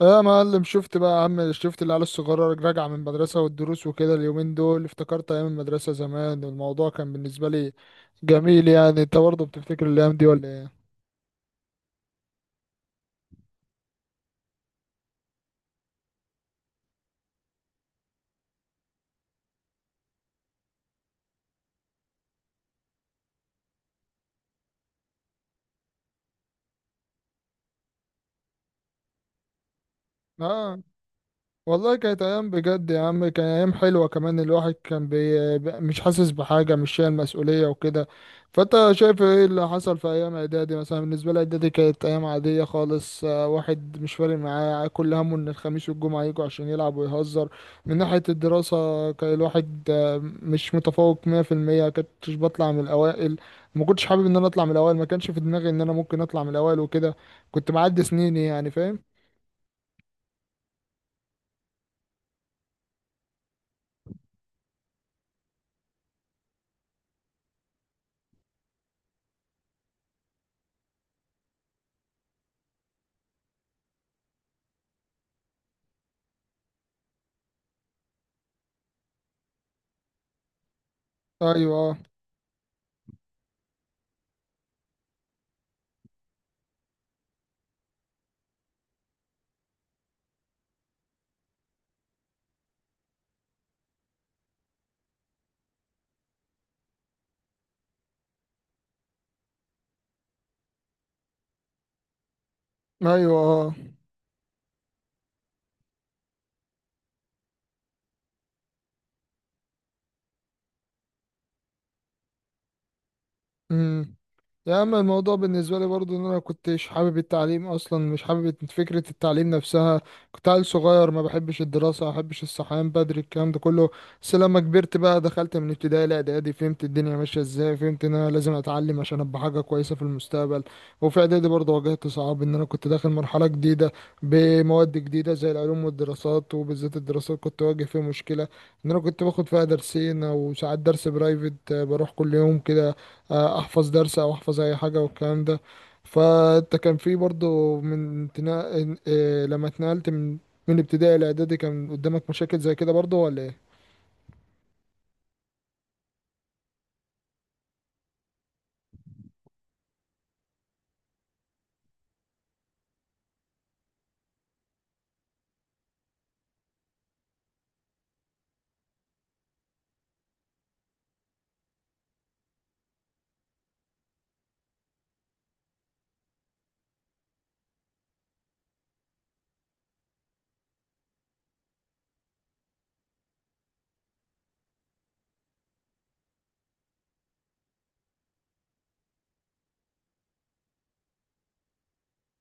آه يا معلم شفت بقى يا عم شفت العيال الصغيرة راجعة من المدرسة والدروس وكده اليومين دول افتكرت أيام المدرسة زمان والموضوع كان بالنسبة لي جميل، يعني أنت برضه بتفتكر الأيام دي ولا إيه؟ آه والله كانت ايام بجد يا عم، كان ايام حلوه كمان الواحد كان مش حاسس بحاجه مش شايل مسؤوليه وكده. فانت شايف ايه اللي حصل في ايام اعدادي؟ مثلا بالنسبه لي اعدادي كانت ايام عاديه خالص، واحد مش فارق معاه، كل همه ان الخميس والجمعه يجوا عشان يلعب ويهزر. من ناحيه الدراسه كان الواحد مش متفوق 100%، كنتش بطلع من الاوائل، ما كنتش حابب ان انا اطلع من الاوائل، ما كانش في دماغي ان انا ممكن اطلع من الاوائل وكده، كنت معدي سنيني يعني، فاهم؟ ايوه آه. ايوه آه. امم. يا اما الموضوع بالنسبه لي برضو ان انا كنتش حابب التعليم اصلا، مش حابب فكره التعليم نفسها، كنت عيل صغير ما بحبش الدراسه ما بحبش الصحيان بدري الكلام ده كله. بس لما كبرت بقى دخلت من ابتدائي لاعدادي فهمت الدنيا ماشيه ازاي، فهمت ان انا لازم اتعلم عشان ابقى حاجه كويسه في المستقبل. وفي اعدادي برضو واجهت صعاب ان انا كنت داخل مرحله جديده بمواد جديده زي العلوم والدراسات، وبالذات الدراسات كنت واجه فيها مشكله ان انا كنت باخد فيها درسين او ساعات درس برايفت، بروح كل يوم كده احفظ درس او احفظ اي حاجه والكلام ده. فانت كان في برضو من تنا... آه، لما اتنقلت من من ابتدائي لاعدادي، كان قدامك مشاكل زي كده برضو ولا ايه؟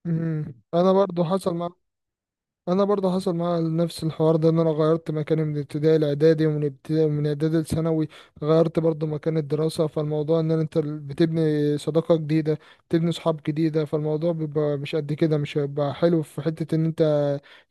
مم. انا برضو حصل معايا. انا برضه حصل معايا نفس الحوار ده، ان انا غيرت مكاني من ابتدائي لاعدادي، ومن ابتدائي من اعدادي لثانوي غيرت برضه مكان الدراسه، فالموضوع ان انت بتبني صداقه جديده، بتبني صحاب جديده، فالموضوع بيبقى مش قد كده، مش هيبقى حلو في حته ان انت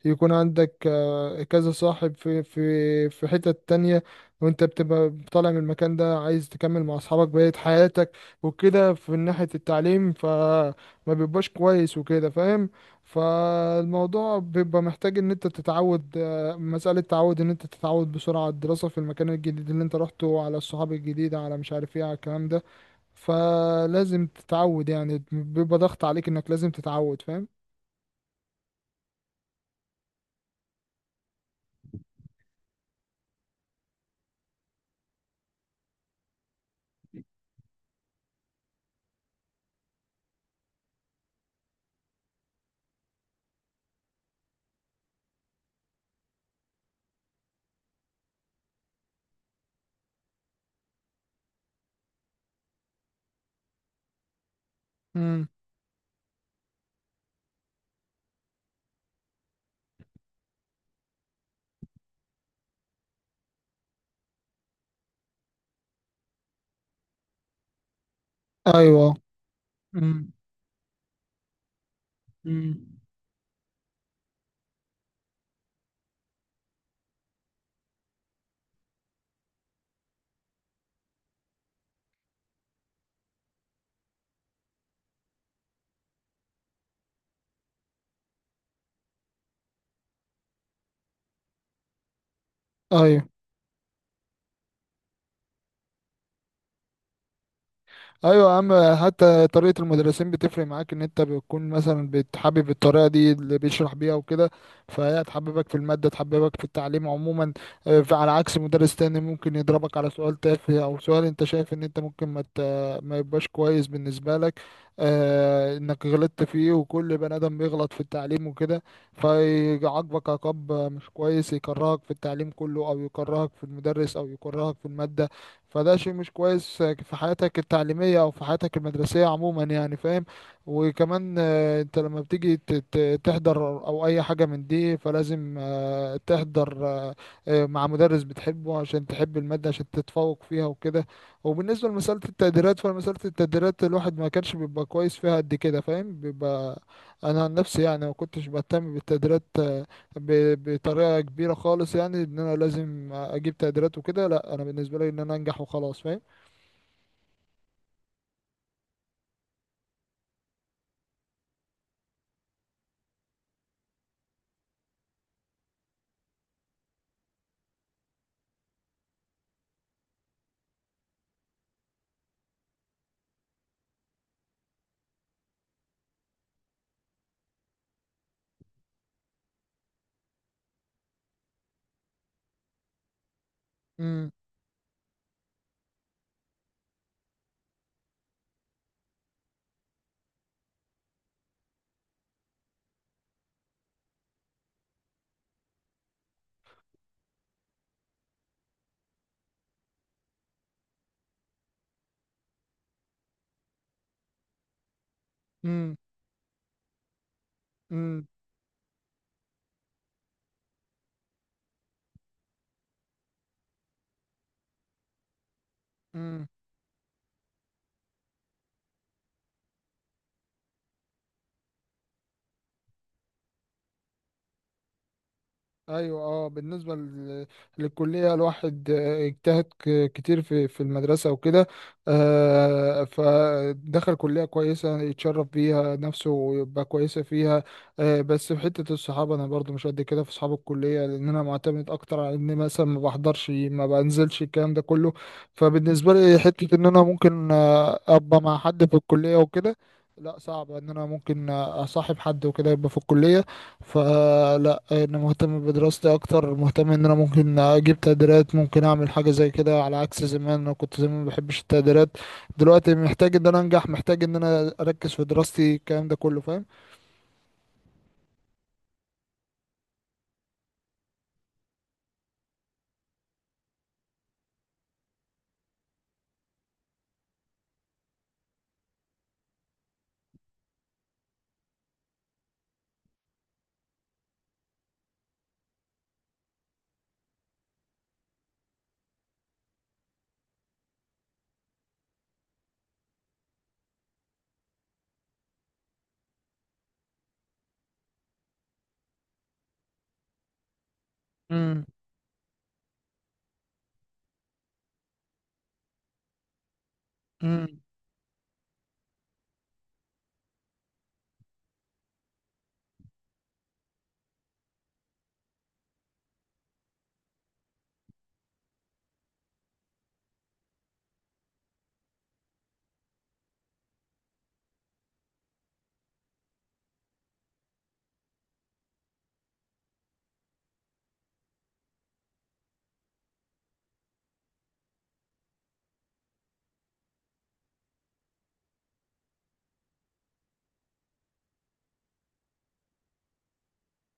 يكون عندك كذا صاحب في حتة تانية، وانت بتبقى طالع من المكان ده عايز تكمل مع اصحابك بقية حياتك وكده، في ناحية التعليم فما بيبقاش كويس وكده، فاهم؟ فالموضوع بيبقى محتاج ان انت تتعود، مسألة تعود، ان انت تتعود بسرعة على الدراسة في المكان الجديد اللي انت روحته، على الصحاب الجديدة، على مش عارف ايه، على الكلام ده. فلازم تتعود يعني، بيبقى ضغط عليك انك لازم تتعود، فاهم؟ امم. ايوه. امم. امم. ايوه. ايوه يا عم. حتى طريقه المدرسين بتفرق معاك، ان انت بتكون مثلا بتحبب الطريقه دي اللي بيشرح بيها وكده، فهي تحببك في الماده تحببك في التعليم عموما. على عكس مدرس تاني ممكن يضربك على سؤال تافه او سؤال انت شايف ان انت ممكن ما يبقاش كويس بالنسبه لك، انك غلطت فيه، وكل بني ادم بيغلط في التعليم وكده، فيعاقبك عقاب مش كويس، يكرهك في التعليم كله، او يكرهك في المدرس، او يكرهك في الماده، فده شيء مش كويس في حياتك التعليمية أو في حياتك المدرسية عموما يعني، فاهم؟ وكمان أنت لما بتيجي تحضر أو أي حاجة من دي، فلازم تحضر مع مدرس بتحبه عشان تحب المادة عشان تتفوق فيها وكده. وبالنسبة لمسألة التقديرات، فمسألة التقديرات الواحد ما كانش بيبقى كويس فيها قد كده، فاهم؟ بيبقى أنا عن نفسي يعني ما كنتش بهتم بالتقديرات بطريقه كبيره خالص، يعني ان انا لازم اجيب تقديرات وكده، لا، انا بالنسبه لي ان انا انجح وخلاص، فاهم؟ امم. امم. امم. ايوه اه. بالنسبه للكليه الواحد اجتهد كتير في المدرسه وكده، فدخل كليه كويسه يتشرف بيها نفسه ويبقى كويسه فيها. بس في حته الصحاب انا برضو مش قد كده في اصحاب الكليه، لان انا معتمد اكتر على اني مثلا ما بحضرش ما بنزلش الكلام ده كله، فبالنسبه لي حته ان انا ممكن ابقى مع حد في الكليه وكده، لا صعب ان انا ممكن اصاحب حد وكده يبقى في الكليه. فلا انا مهتم بدراستي اكتر، مهتم ان انا ممكن اجيب تقديرات ممكن اعمل حاجه زي كده، على عكس زمان، انا كنت زمان ما بحبش التقديرات، دلوقتي محتاج ان انا انجح محتاج ان انا اركز في دراستي الكلام ده كله، فاهم؟ امم.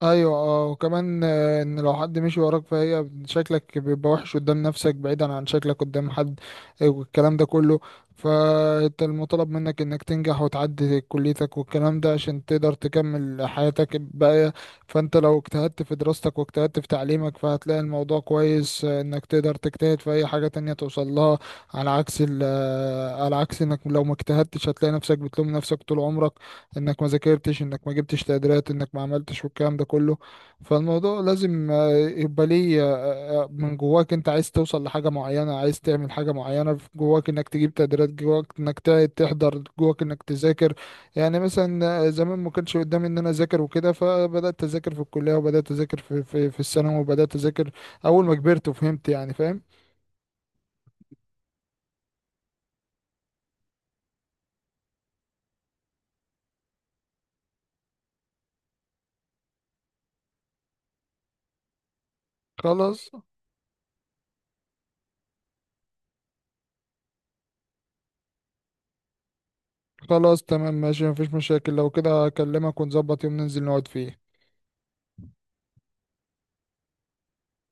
ايوه اه. وكمان ان لو حد مشي وراك فهي شكلك بيبقى وحش قدام نفسك بعيدا عن شكلك قدام حد، والكلام ده كله. فانت المطالب منك انك تنجح وتعدي كليتك والكلام ده عشان تقدر تكمل حياتك الباقية. فانت لو اجتهدت في دراستك واجتهدت في تعليمك فهتلاقي الموضوع كويس، انك تقدر تجتهد في اي حاجة تانية توصل لها، على عكس على عكس انك لو ما اجتهدتش هتلاقي نفسك بتلوم نفسك طول عمرك، انك ما ذاكرتش، انك ما جبتش تقديرات، انك ما عملتش والكلام ده كله. فالموضوع لازم يبقى ليه من جواك، انت عايز توصل لحاجة معينة، عايز تعمل حاجة معينة في جواك انك تجيب تقديرات، جواك انك تحضر، جواك انك تذاكر. يعني مثلا زمان ما كانش قدامي ان انا اذاكر وكده، فبدأت اذاكر في الكلية، وبدأت اذاكر في الثانوي، وبدأت اذاكر اول ما كبرت وفهمت يعني، فاهم؟ خلاص. خلاص تمام ماشي، مفيش مشاكل، لو كده اكلمك ونظبط يوم ننزل نقعد فيه.